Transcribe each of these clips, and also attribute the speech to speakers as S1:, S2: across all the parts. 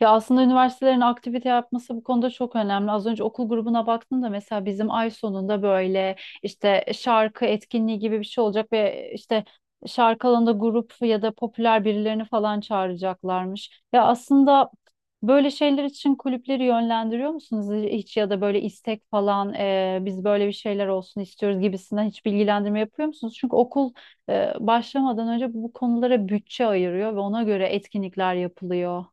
S1: Ya aslında üniversitelerin aktivite yapması bu konuda çok önemli. Az önce okul grubuna baktım da mesela bizim ay sonunda böyle işte şarkı etkinliği gibi bir şey olacak ve işte şarkı alanında grup ya da popüler birilerini falan çağıracaklarmış. Ya aslında böyle şeyler için kulüpleri yönlendiriyor musunuz hiç ya da böyle istek falan biz böyle bir şeyler olsun istiyoruz gibisinden hiç bilgilendirme yapıyor musunuz? Çünkü okul başlamadan önce bu konulara bütçe ayırıyor ve ona göre etkinlikler yapılıyor.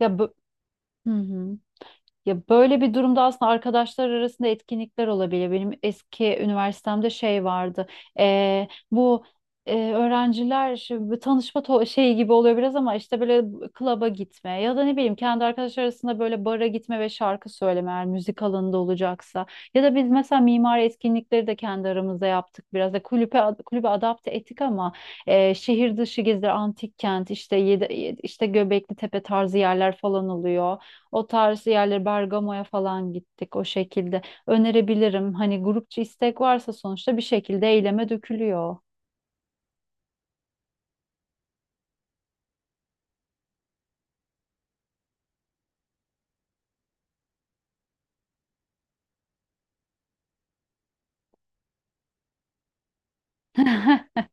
S1: Ya bö- Hı hı. Ya böyle bir durumda aslında arkadaşlar arasında etkinlikler olabilir. Benim eski üniversitemde şey vardı. Ee, bu Öğrenciler şu bir şeyi gibi oluyor biraz ama işte böyle klaba gitme ya da ne bileyim kendi arkadaşlar arasında böyle bara gitme ve şarkı söyleme eğer müzik alanında olacaksa. Ya da biz mesela mimari etkinlikleri de kendi aramızda yaptık biraz da kulübe adapte ettik ama şehir dışı geziler, antik kent işte yedi, işte Göbekli Tepe tarzı yerler falan oluyor. O tarz yerleri Bergamo'ya falan gittik o şekilde. Önerebilirim. Hani grupça istek varsa sonuçta bir şekilde eyleme dökülüyor.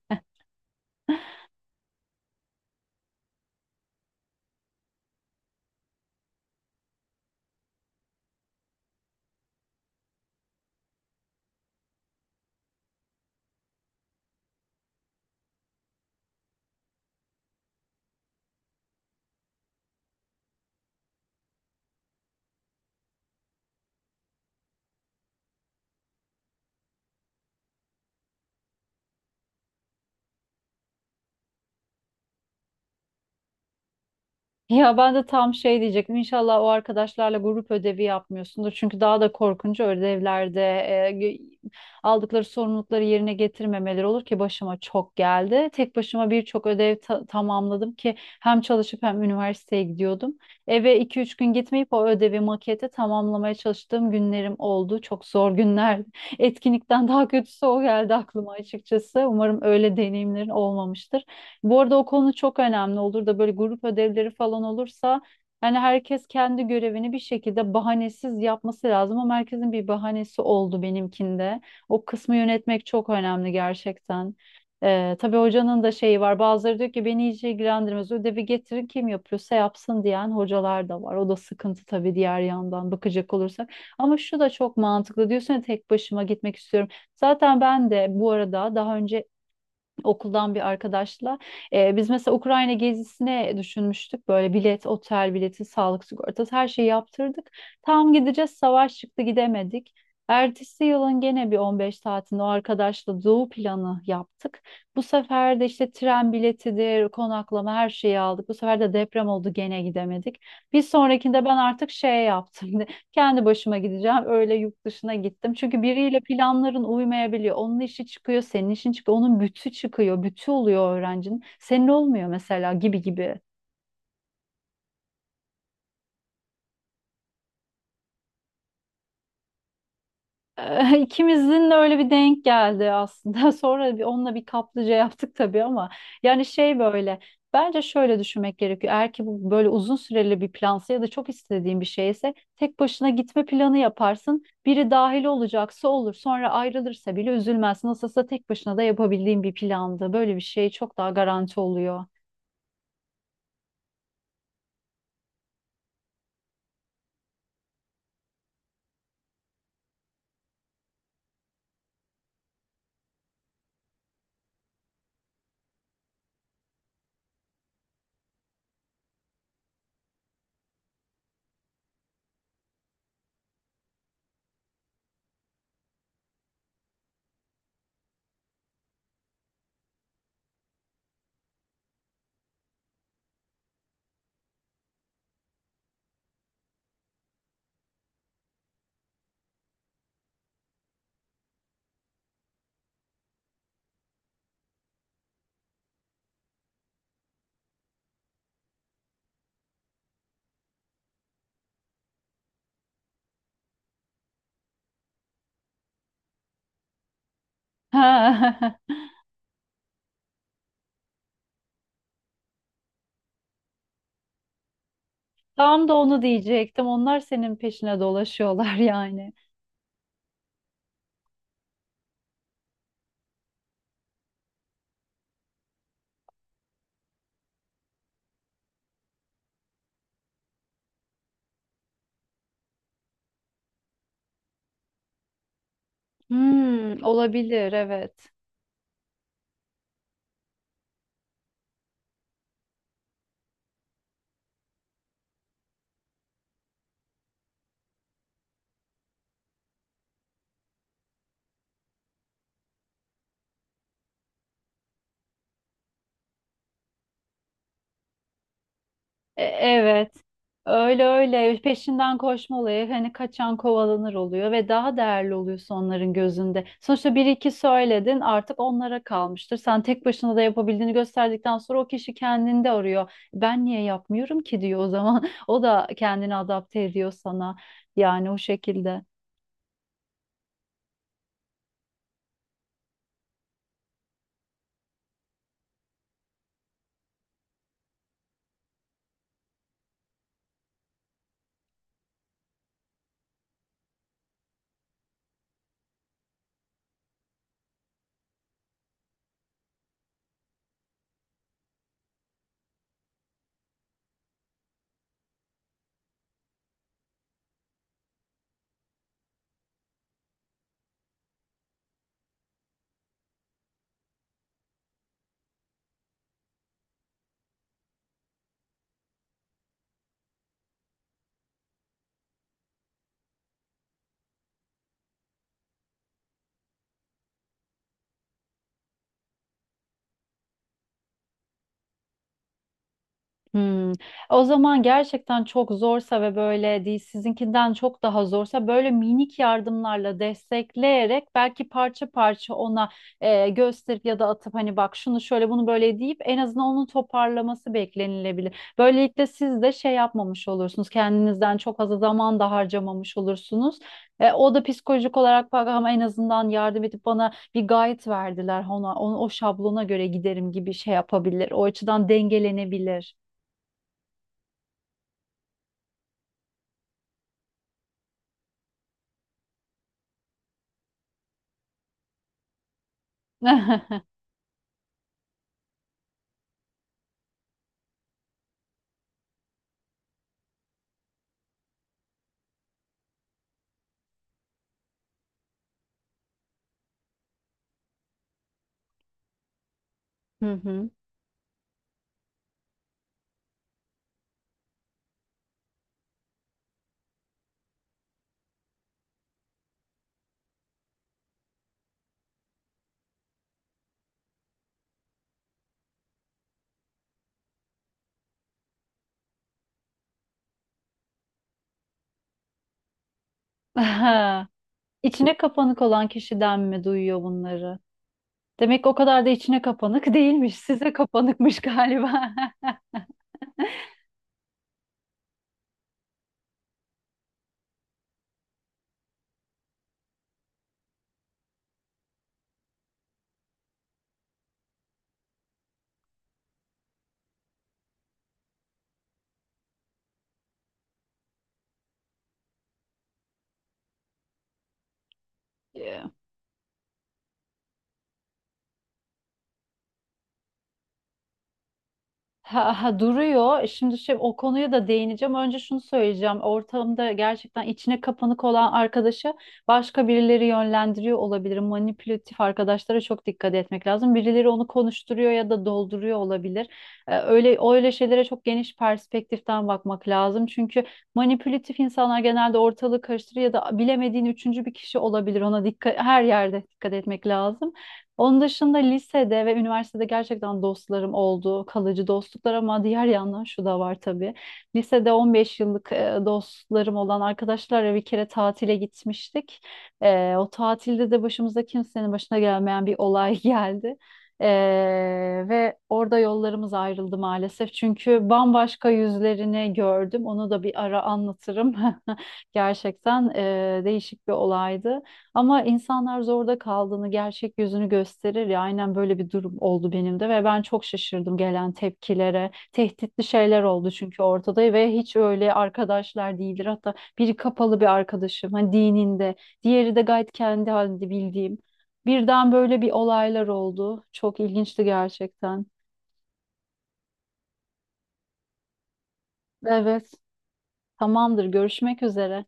S1: Ya ben de tam şey diyecektim. İnşallah o arkadaşlarla grup ödevi yapmıyorsundur. Çünkü daha da korkunç ödevlerde aldıkları sorumlulukları yerine getirmemeleri olur ki başıma çok geldi. Tek başıma birçok ödev tamamladım ki hem çalışıp hem üniversiteye gidiyordum. Eve iki üç gün gitmeyip o ödevi maketi tamamlamaya çalıştığım günlerim oldu. Çok zor günler. Etkinlikten daha kötüsü o geldi aklıma açıkçası. Umarım öyle deneyimlerin olmamıştır. Bu arada o konu çok önemli olur da böyle grup ödevleri falan olursa yani herkes kendi görevini bir şekilde bahanesiz yapması lazım ama herkesin bir bahanesi oldu benimkinde. O kısmı yönetmek çok önemli gerçekten. Tabii hocanın da şeyi var. Bazıları diyor ki beni hiç ilgilendirmez. Ödevi getirin kim yapıyorsa yapsın diyen hocalar da var. O da sıkıntı tabii diğer yandan bakacak olursak. Ama şu da çok mantıklı. Diyorsun ya tek başıma gitmek istiyorum. Zaten ben de bu arada daha önce okuldan bir arkadaşla. Biz mesela Ukrayna gezisine düşünmüştük. Böyle bilet, otel bileti, sağlık sigortası her şeyi yaptırdık. Tam gideceğiz savaş çıktı gidemedik. Ertesi yılın gene bir 15 saatinde o arkadaşla doğu planı yaptık. Bu sefer de işte tren biletidir, konaklama her şeyi aldık. Bu sefer de deprem oldu gene gidemedik. Bir sonrakinde ben artık şey yaptım. Kendi başıma gideceğim. Öyle yurt dışına gittim. Çünkü biriyle planların uymayabiliyor. Onun işi çıkıyor, senin işin çıkıyor. Onun bütü çıkıyor. Bütü oluyor öğrencinin. Senin olmuyor mesela gibi gibi. İkimizin de öyle bir denk geldi aslında. Sonra bir onunla bir kaplıca yaptık tabii ama yani şey böyle bence şöyle düşünmek gerekiyor. Eğer ki bu böyle uzun süreli bir plansa ya da çok istediğin bir şeyse tek başına gitme planı yaparsın. Biri dahil olacaksa olur. Sonra ayrılırsa bile üzülmezsin. Nasılsa tek başına da yapabildiğin bir plandı. Böyle bir şey çok daha garanti oluyor. Tam da onu diyecektim. Onlar senin peşine dolaşıyorlar yani. Hmm, olabilir evet. Evet. Öyle öyle peşinden koşma olayı hani kaçan kovalanır oluyor ve daha değerli oluyorsun onların gözünde. Sonuçta bir iki söyledin artık onlara kalmıştır. Sen tek başına da yapabildiğini gösterdikten sonra o kişi kendinde arıyor. Ben niye yapmıyorum ki diyor o zaman. O da kendini adapte ediyor sana. Yani o şekilde. Hmm. O zaman gerçekten çok zorsa ve böyle değil sizinkinden çok daha zorsa böyle minik yardımlarla destekleyerek belki parça parça ona gösterip ya da atıp hani bak şunu şöyle bunu böyle deyip en azından onun toparlaması beklenilebilir. Böylelikle siz de şey yapmamış olursunuz kendinizden çok fazla zaman da harcamamış olursunuz. O da psikolojik olarak bak ama en azından yardım edip bana bir guide verdiler ona, onu, o şablona göre giderim gibi şey yapabilir. O açıdan dengelenebilir. Hı hı. İçine kapanık olan kişiden mi duyuyor bunları? Demek o kadar da içine kapanık değilmiş. Size kapanıkmış galiba. Ha, ha, duruyor. Şimdi şey, o konuya da değineceğim. Önce şunu söyleyeceğim. Ortamda gerçekten içine kapanık olan arkadaşı başka birileri yönlendiriyor olabilir. Manipülatif arkadaşlara çok dikkat etmek lazım. Birileri onu konuşturuyor ya da dolduruyor olabilir. Öyle öyle şeylere çok geniş perspektiften bakmak lazım. Çünkü manipülatif insanlar genelde ortalığı karıştırır ya da bilemediğin üçüncü bir kişi olabilir. Ona her yerde dikkat etmek lazım. Onun dışında lisede ve üniversitede gerçekten dostlarım oldu, kalıcı dostluklar ama diğer yandan şu da var tabii. Lisede 15 yıllık dostlarım olan arkadaşlarla bir kere tatile gitmiştik. O tatilde de başımıza kimsenin başına gelmeyen bir olay geldi. E, Ve orada yollarımız ayrıldı maalesef. Çünkü bambaşka yüzlerini gördüm. Onu da bir ara anlatırım. Gerçekten değişik bir olaydı. Ama insanlar zorda kaldığını, gerçek yüzünü gösterir ya. Aynen böyle bir durum oldu benim de ve ben çok şaşırdım gelen tepkilere. Tehditli şeyler oldu çünkü ortada ve hiç öyle arkadaşlar değildir. Hatta biri kapalı bir arkadaşım, hani dininde, diğeri de gayet kendi halinde bildiğim. Birden böyle bir olaylar oldu. Çok ilginçti gerçekten. Evet, tamamdır. Görüşmek üzere.